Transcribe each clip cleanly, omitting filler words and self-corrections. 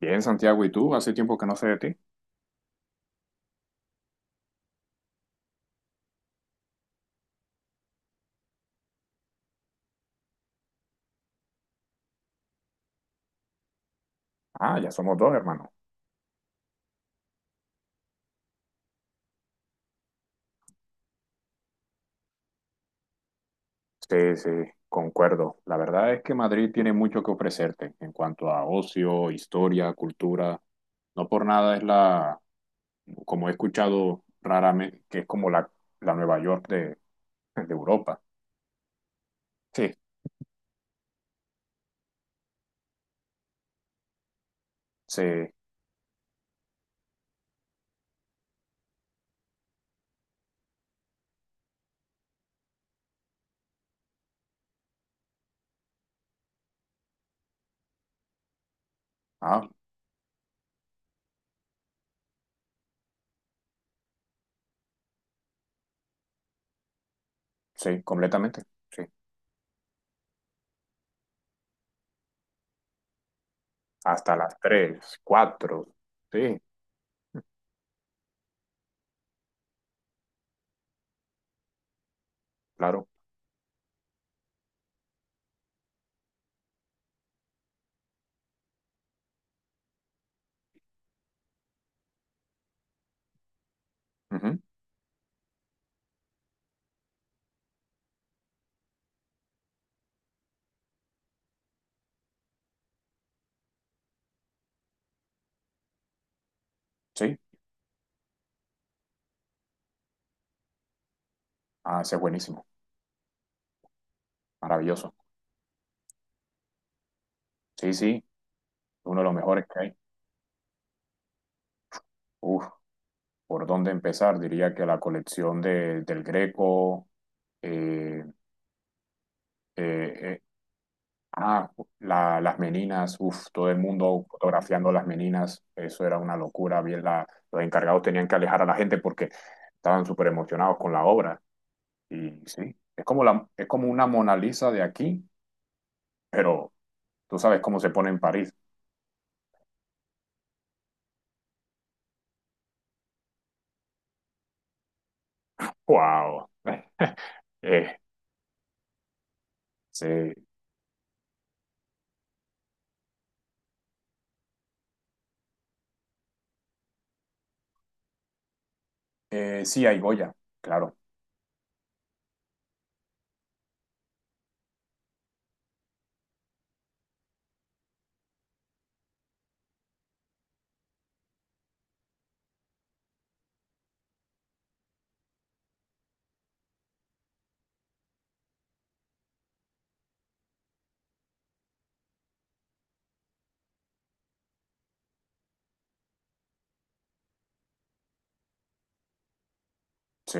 Bien, Santiago, ¿y tú? Hace tiempo que no sé de ti. Ah, ya somos dos, hermano. Sí, sí, concuerdo. La verdad es que Madrid tiene mucho que ofrecerte en cuanto a ocio, historia, cultura. No por nada es como he escuchado raramente, que es como la Nueva York de Europa. Sí, sí, ah, sí, completamente. Sí, hasta las tres, cuatro. Sí, claro. Ujú. Sí, ah, ese es buenísimo, maravilloso. Sí, sí, uno de los mejores que hay. Uf. ¿Por dónde empezar? Diría que la colección del Greco. eh, eh, eh, ah, las meninas, uf, todo el mundo fotografiando las meninas, eso era una locura. Bien, los encargados tenían que alejar a la gente porque estaban súper emocionados con la obra. Y sí, es como, es como una Mona Lisa de aquí, pero tú sabes cómo se pone en París. ¡Wow! Eh, sí. Sí, hay Goya, claro, sí,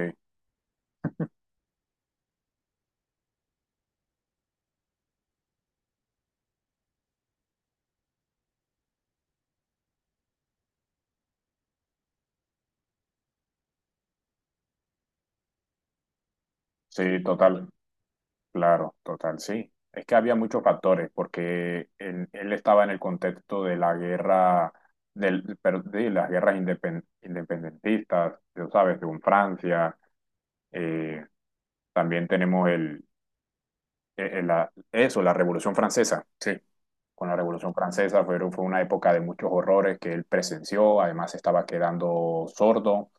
sí, total. Claro, total, sí. Es que había muchos factores, porque él estaba en el contexto de la guerra, pero de las guerras independentistas, tú sabes, según Francia. eh, También tenemos eso, la Revolución Francesa. Sí, con la Revolución Francesa fue una época de muchos horrores que él presenció, además estaba quedando sordo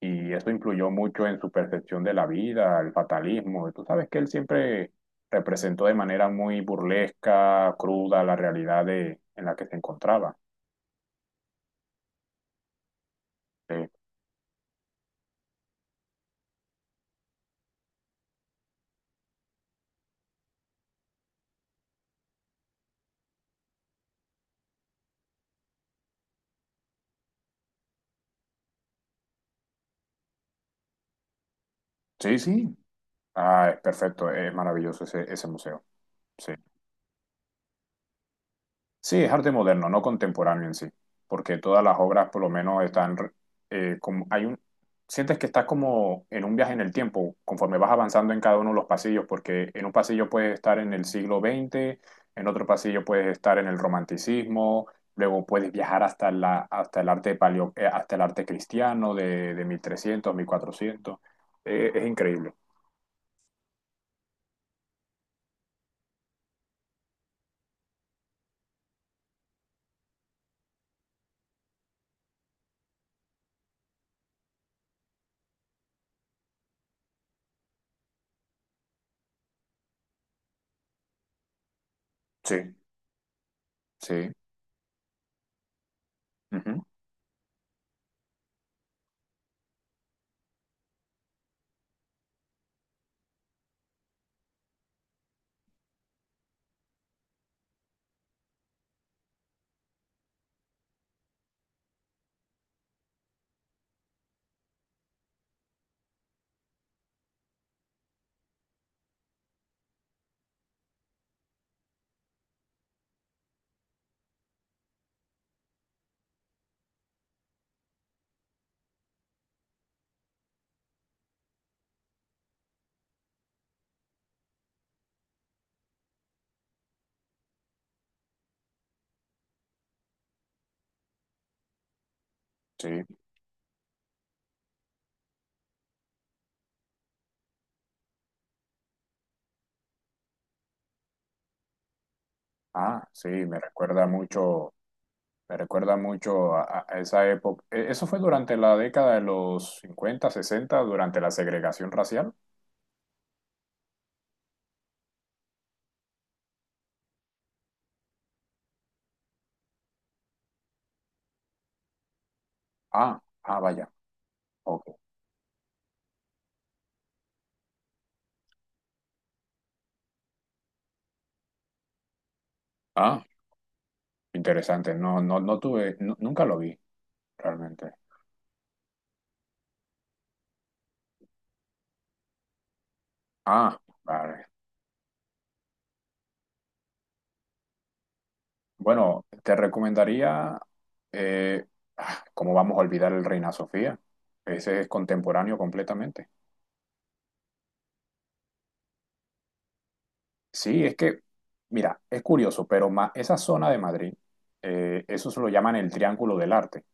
y eso influyó mucho en su percepción de la vida, el fatalismo. Tú sabes que él siempre representó de manera muy burlesca, cruda, la realidad en la que se encontraba. Sí, sí. Sí. Ah, es perfecto, es maravilloso ese, ese museo. Sí. Sí, es arte moderno, no contemporáneo en sí, porque todas las obras por lo menos están, eh, como, hay un, sientes que estás como en un viaje en el tiempo, conforme vas avanzando en cada uno de los pasillos, porque en un pasillo puedes estar en el siglo veinte, en otro pasillo puedes estar en el romanticismo, luego puedes viajar hasta hasta el arte hasta el arte cristiano de 1300, 1400. Es increíble. Sí, sí, ujú, sí. Ah, sí, me recuerda mucho. Me recuerda mucho a esa época. Eso fue durante la década de los 50 60 durante la segregación racial. Ah, ah, vaya. Ok. Ah, interesante. No, no, no tuve, nunca lo vi realmente. Ah, vale. Bueno, te recomendaría, eh, ¿cómo vamos a olvidar el Reina Sofía? Ese es contemporáneo completamente. Sí, es que, mira, es curioso, pero esa zona de Madrid, eso se lo llaman el Triángulo del Arte.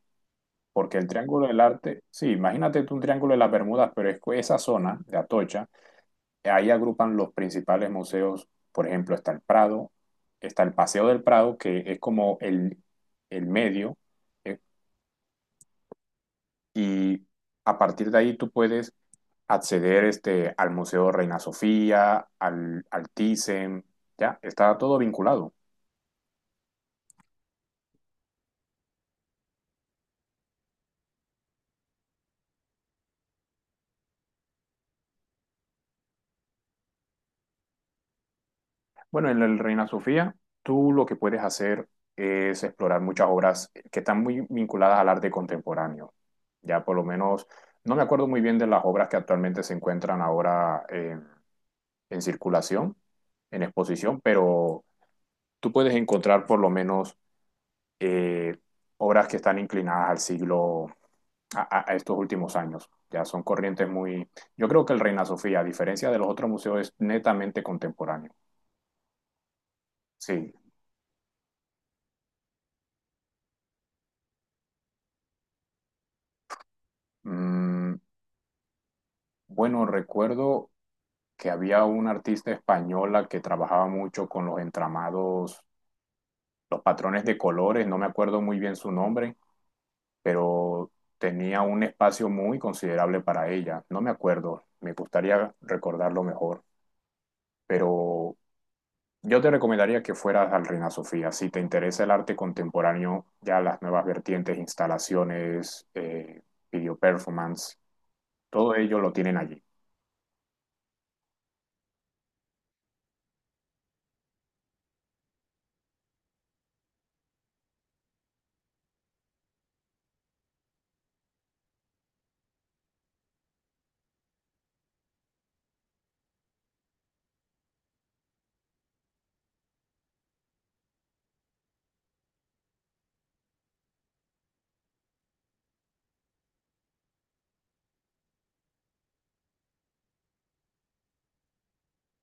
Porque el Triángulo del Arte, sí, imagínate tú un Triángulo de las Bermudas, pero es que esa zona de Atocha, ahí agrupan los principales museos, por ejemplo, está el Prado, está el Paseo del Prado, que es como el medio, eh, y a partir de ahí tú puedes acceder este, al Museo Reina Sofía, al Thyssen, ya, está todo vinculado. Bueno, en el Reina Sofía, tú lo que puedes hacer es explorar muchas obras que están muy vinculadas al arte contemporáneo. Ya por lo menos, no me acuerdo muy bien de las obras que actualmente se encuentran ahora, en circulación, en exposición, pero tú puedes encontrar por lo menos eh, obras que están inclinadas al siglo, a estos últimos años. Ya son corrientes muy... Yo creo que el Reina Sofía, a diferencia de los otros museos, es netamente contemporáneo. Sí. Mm, bueno, recuerdo que había una artista española que trabajaba mucho con los entramados, los patrones de colores, no me acuerdo muy bien su nombre, pero tenía un espacio muy considerable para ella. No me acuerdo, me gustaría recordarlo mejor, pero yo te recomendaría que fueras al Reina Sofía. Si te interesa el arte contemporáneo, ya las nuevas vertientes, instalaciones, video performance, todo ello lo tienen allí.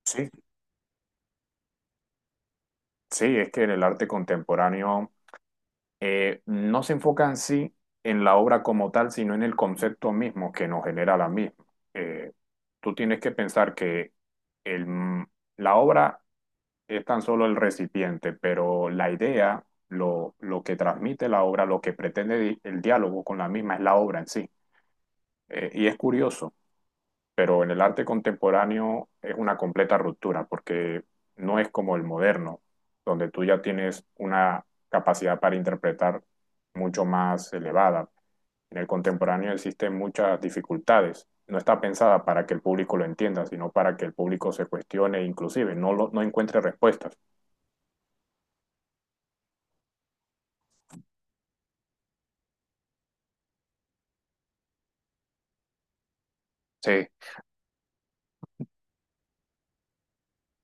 Sí, sí, es que el arte contemporáneo no se enfoca en sí en la obra como tal, sino en el concepto mismo que nos genera la misma. Eh, Tú tienes que pensar que el- mm, la obra es tan solo el recipiente, pero la idea, lo que transmite la obra, lo que pretende el diálogo con la misma es la obra en sí. Y es curioso pero en el arte contemporáneo es una completa ruptura porque no es como el moderno, donde tú ya tienes una capacidad para interpretar mucho más elevada. En el contemporáneo existen muchas dificultades. No está pensada para que el público lo entienda, sino para que el público se cuestione, inclusive no, no encuentre respuestas. Sí,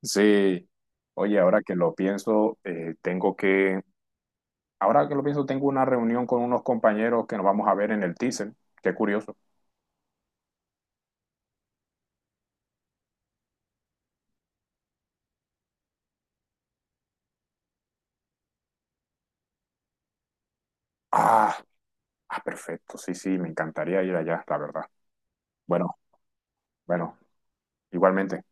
sí. Oye, ahora que lo pienso, ahora que lo pienso, tengo una reunión con unos compañeros que nos vamos a ver en el Thyssen. Qué curioso. Ah, Ah, perfecto, sí, sí, me encantaría ir allá, la verdad. Bueno, bueno, igualmente.